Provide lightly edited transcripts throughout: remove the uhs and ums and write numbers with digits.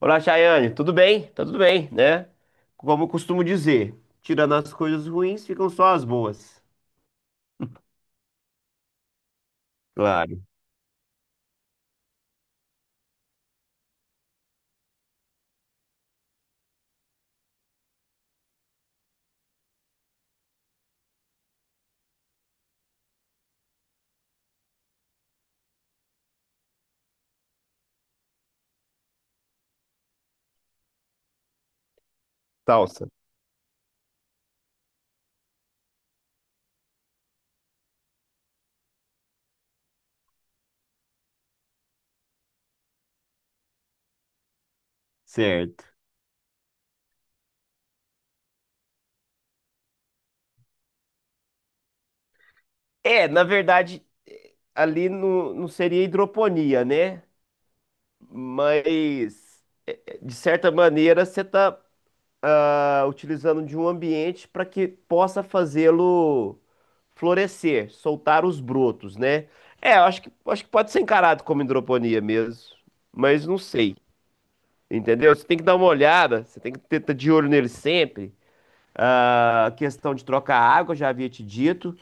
Olá, Chayane, tudo bem? Tá tudo bem, né? Como eu costumo dizer, tirando as coisas ruins, ficam só as boas. Claro, salsa. Certo. É, na verdade, ali não, não seria hidroponia, né? Mas, de certa maneira, você está utilizando de um ambiente para que possa fazê-lo florescer, soltar os brotos, né? É, eu acho que pode ser encarado como hidroponia mesmo, mas não sei. Entendeu? Você tem que dar uma olhada, você tem que ter tá de olho nele sempre. A questão de trocar água, já havia te dito.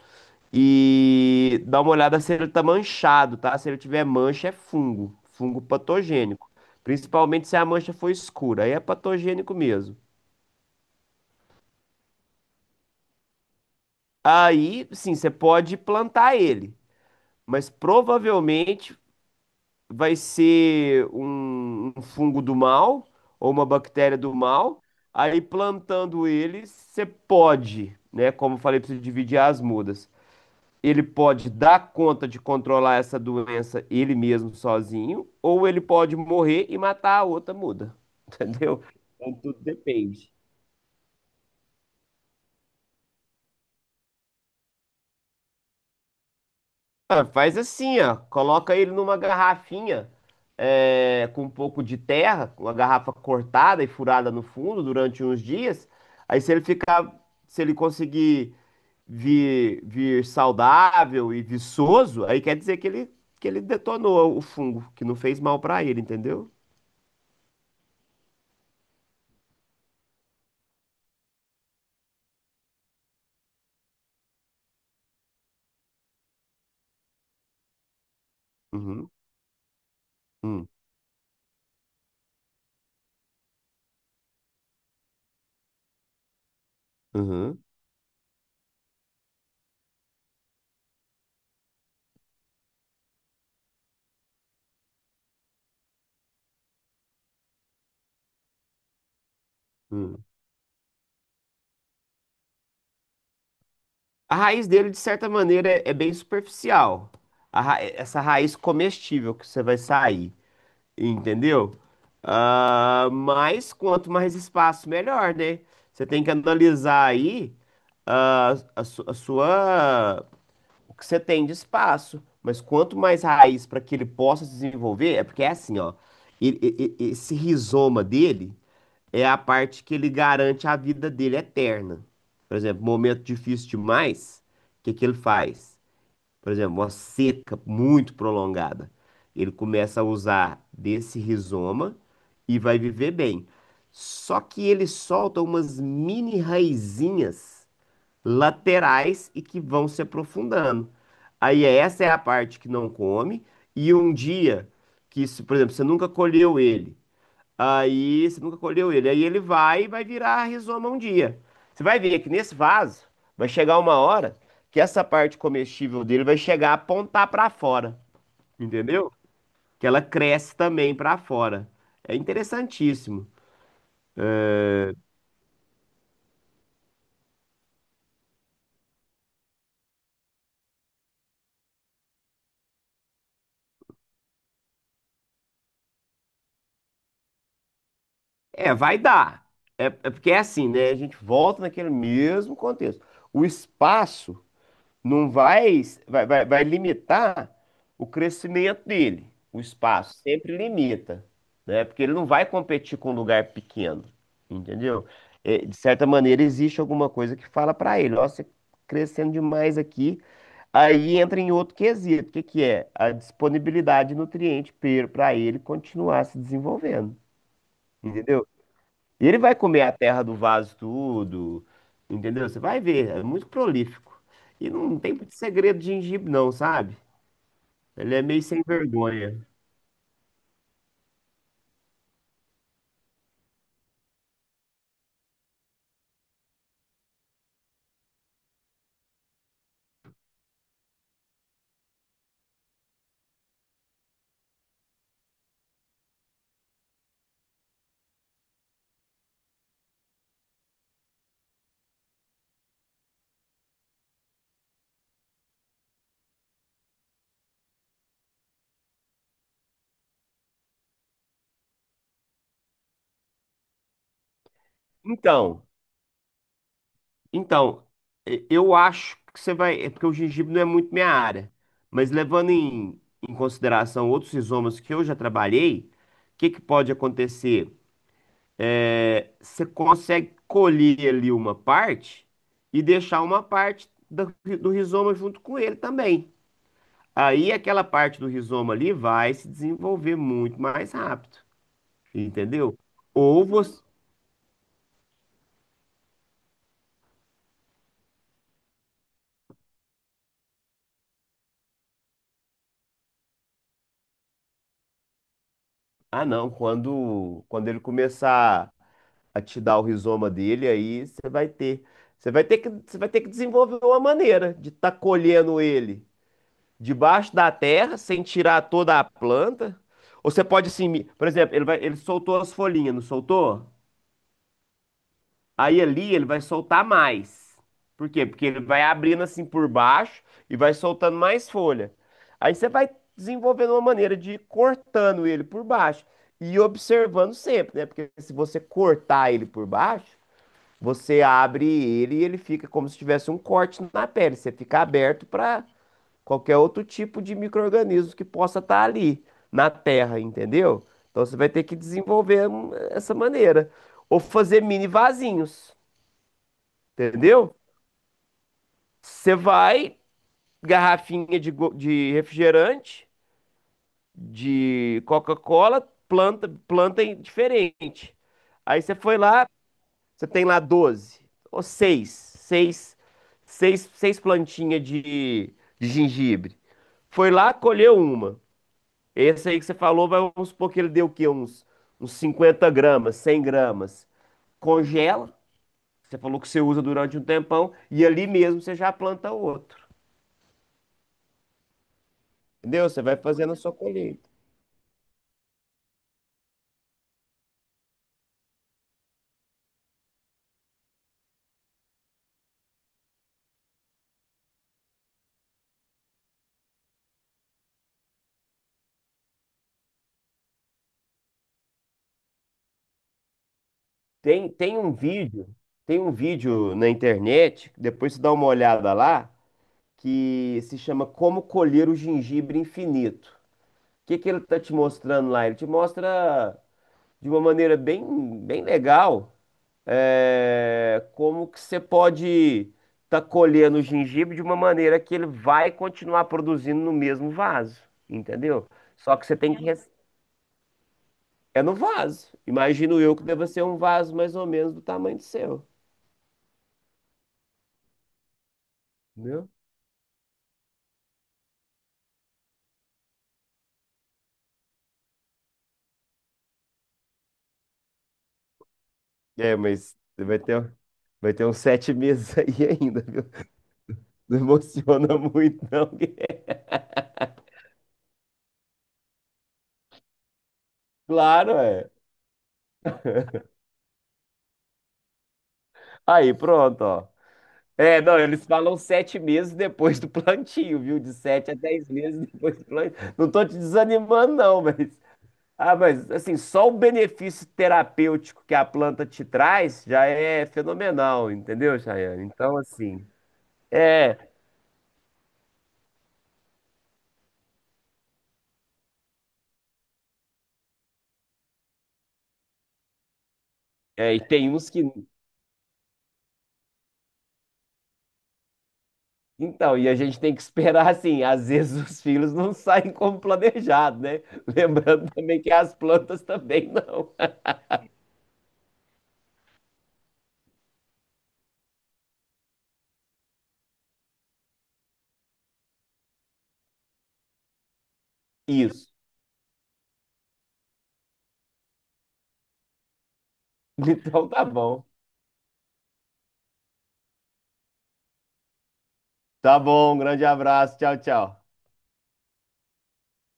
E dar uma olhada se ele tá manchado, tá? Se ele tiver mancha, é fungo, fungo patogênico. Principalmente se a mancha for escura, aí é patogênico mesmo. Aí, sim, você pode plantar ele, mas provavelmente vai ser um fungo do mal ou uma bactéria do mal. Aí plantando ele, você pode, né? Como eu falei, precisa dividir as mudas. Ele pode dar conta de controlar essa doença ele mesmo sozinho, ou ele pode morrer e matar a outra muda, entendeu? Então tudo depende. Ah, faz assim, ó. Coloca ele numa garrafinha com um pouco de terra, uma garrafa cortada e furada no fundo durante uns dias. Aí se ele ficar, se ele conseguir vir saudável e viçoso, aí quer dizer que ele detonou o fungo, que não fez mal pra ele, entendeu? Uhum, uhum, uhum, uhum. A raiz dele, de certa maneira, é bem superficial. Essa raiz comestível que você vai sair. Entendeu? Ah, mas quanto mais espaço, melhor, né? Você tem que analisar aí a sua, o que você tem de espaço. Mas quanto mais raiz para que ele possa se desenvolver, é porque é assim, ó. Esse rizoma dele é a parte que ele garante a vida dele eterna. Por exemplo, momento difícil demais, o que que ele faz? Por exemplo, uma seca muito prolongada, ele começa a usar desse rizoma e vai viver bem. Só que ele solta umas mini raizinhas laterais e que vão se aprofundando. Aí essa é a parte que não come. E um dia que, se, por exemplo, você nunca colheu ele, aí você nunca colheu ele. Aí ele vai e vai virar rizoma um dia. Você vai ver que nesse vaso vai chegar uma hora que essa parte comestível dele vai chegar a apontar para fora, entendeu? Que ela cresce também para fora. É interessantíssimo. É, vai dar. É porque é assim, né? A gente volta naquele mesmo contexto. O espaço não vai limitar o crescimento dele. O espaço sempre limita, né? Porque ele não vai competir com um lugar pequeno, entendeu? De certa maneira, existe alguma coisa que fala para ele, ó, você crescendo demais aqui, aí entra em outro quesito, que é? A disponibilidade de nutriente para ele continuar se desenvolvendo, entendeu? E ele vai comer a terra do vaso tudo, entendeu? Você vai ver, é muito prolífico. E não tem muito segredo de gengibre não, sabe? Ele é meio sem vergonha. Então, então, eu acho que você vai, é porque o gengibre não é muito minha área, mas levando em consideração outros rizomas que eu já trabalhei, o que que pode acontecer? É, você consegue colher ali uma parte e deixar uma parte do rizoma junto com ele também. Aí aquela parte do rizoma ali vai se desenvolver muito mais rápido, entendeu? Ou você. Ah, não, quando ele começar a te dar o rizoma dele, aí você vai ter. Você vai ter que desenvolver uma maneira de estar colhendo ele debaixo da terra, sem tirar toda a planta. Ou você pode assim, por exemplo, ele soltou as folhinhas, não soltou? Aí ali ele vai soltar mais. Por quê? Porque ele vai abrindo assim por baixo e vai soltando mais folha. Aí você vai desenvolvendo uma maneira de ir cortando ele por baixo e observando sempre, né? Porque se você cortar ele por baixo, você abre ele e ele fica como se tivesse um corte na pele. Você fica aberto para qualquer outro tipo de micro-organismo que possa estar ali na terra, entendeu? Então você vai ter que desenvolver essa maneira. Ou fazer mini vasinhos. Entendeu? Você vai, garrafinha de, de refrigerante, de Coca-Cola, planta diferente. Aí você foi lá, você tem lá 12 ou seis plantinhas de, gengibre. Foi lá, colheu uma. Esse aí que você falou, vamos supor que ele deu o quê? Uns 50 gramas, 100 gramas. Congela, você falou que você usa durante um tempão, e ali mesmo você já planta outro. Entendeu? Você vai fazendo a sua colheita. Tem, tem um vídeo, tem um vídeo na internet, depois você dá uma olhada lá, que se chama Como Colher o Gengibre Infinito. O que que ele tá te mostrando lá? Ele te mostra de uma maneira bem, bem legal, como que você pode tá colhendo o gengibre de uma maneira que ele vai continuar produzindo no mesmo vaso, entendeu? Só que você tem que. É no vaso. Imagino eu que deva ser um vaso mais ou menos do tamanho do seu, entendeu? É, mas vai ter uns 7 meses aí ainda, viu? Não emociona muito, não. Claro, é. Aí, pronto, ó. É, não, eles falam 7 meses depois do plantio, viu? De 7 a 10 meses depois do plantio. Não tô te desanimando, não, mas. Ah, mas assim, só o benefício terapêutico que a planta te traz já é fenomenal, entendeu, Chayane? Então, assim. É, É, e tem uns que. Então, e a gente tem que esperar assim, às vezes os filhos não saem como planejado, né? Lembrando também que as plantas também não. Isso. Então tá bom. Tá bom, um grande abraço. Tchau, tchau.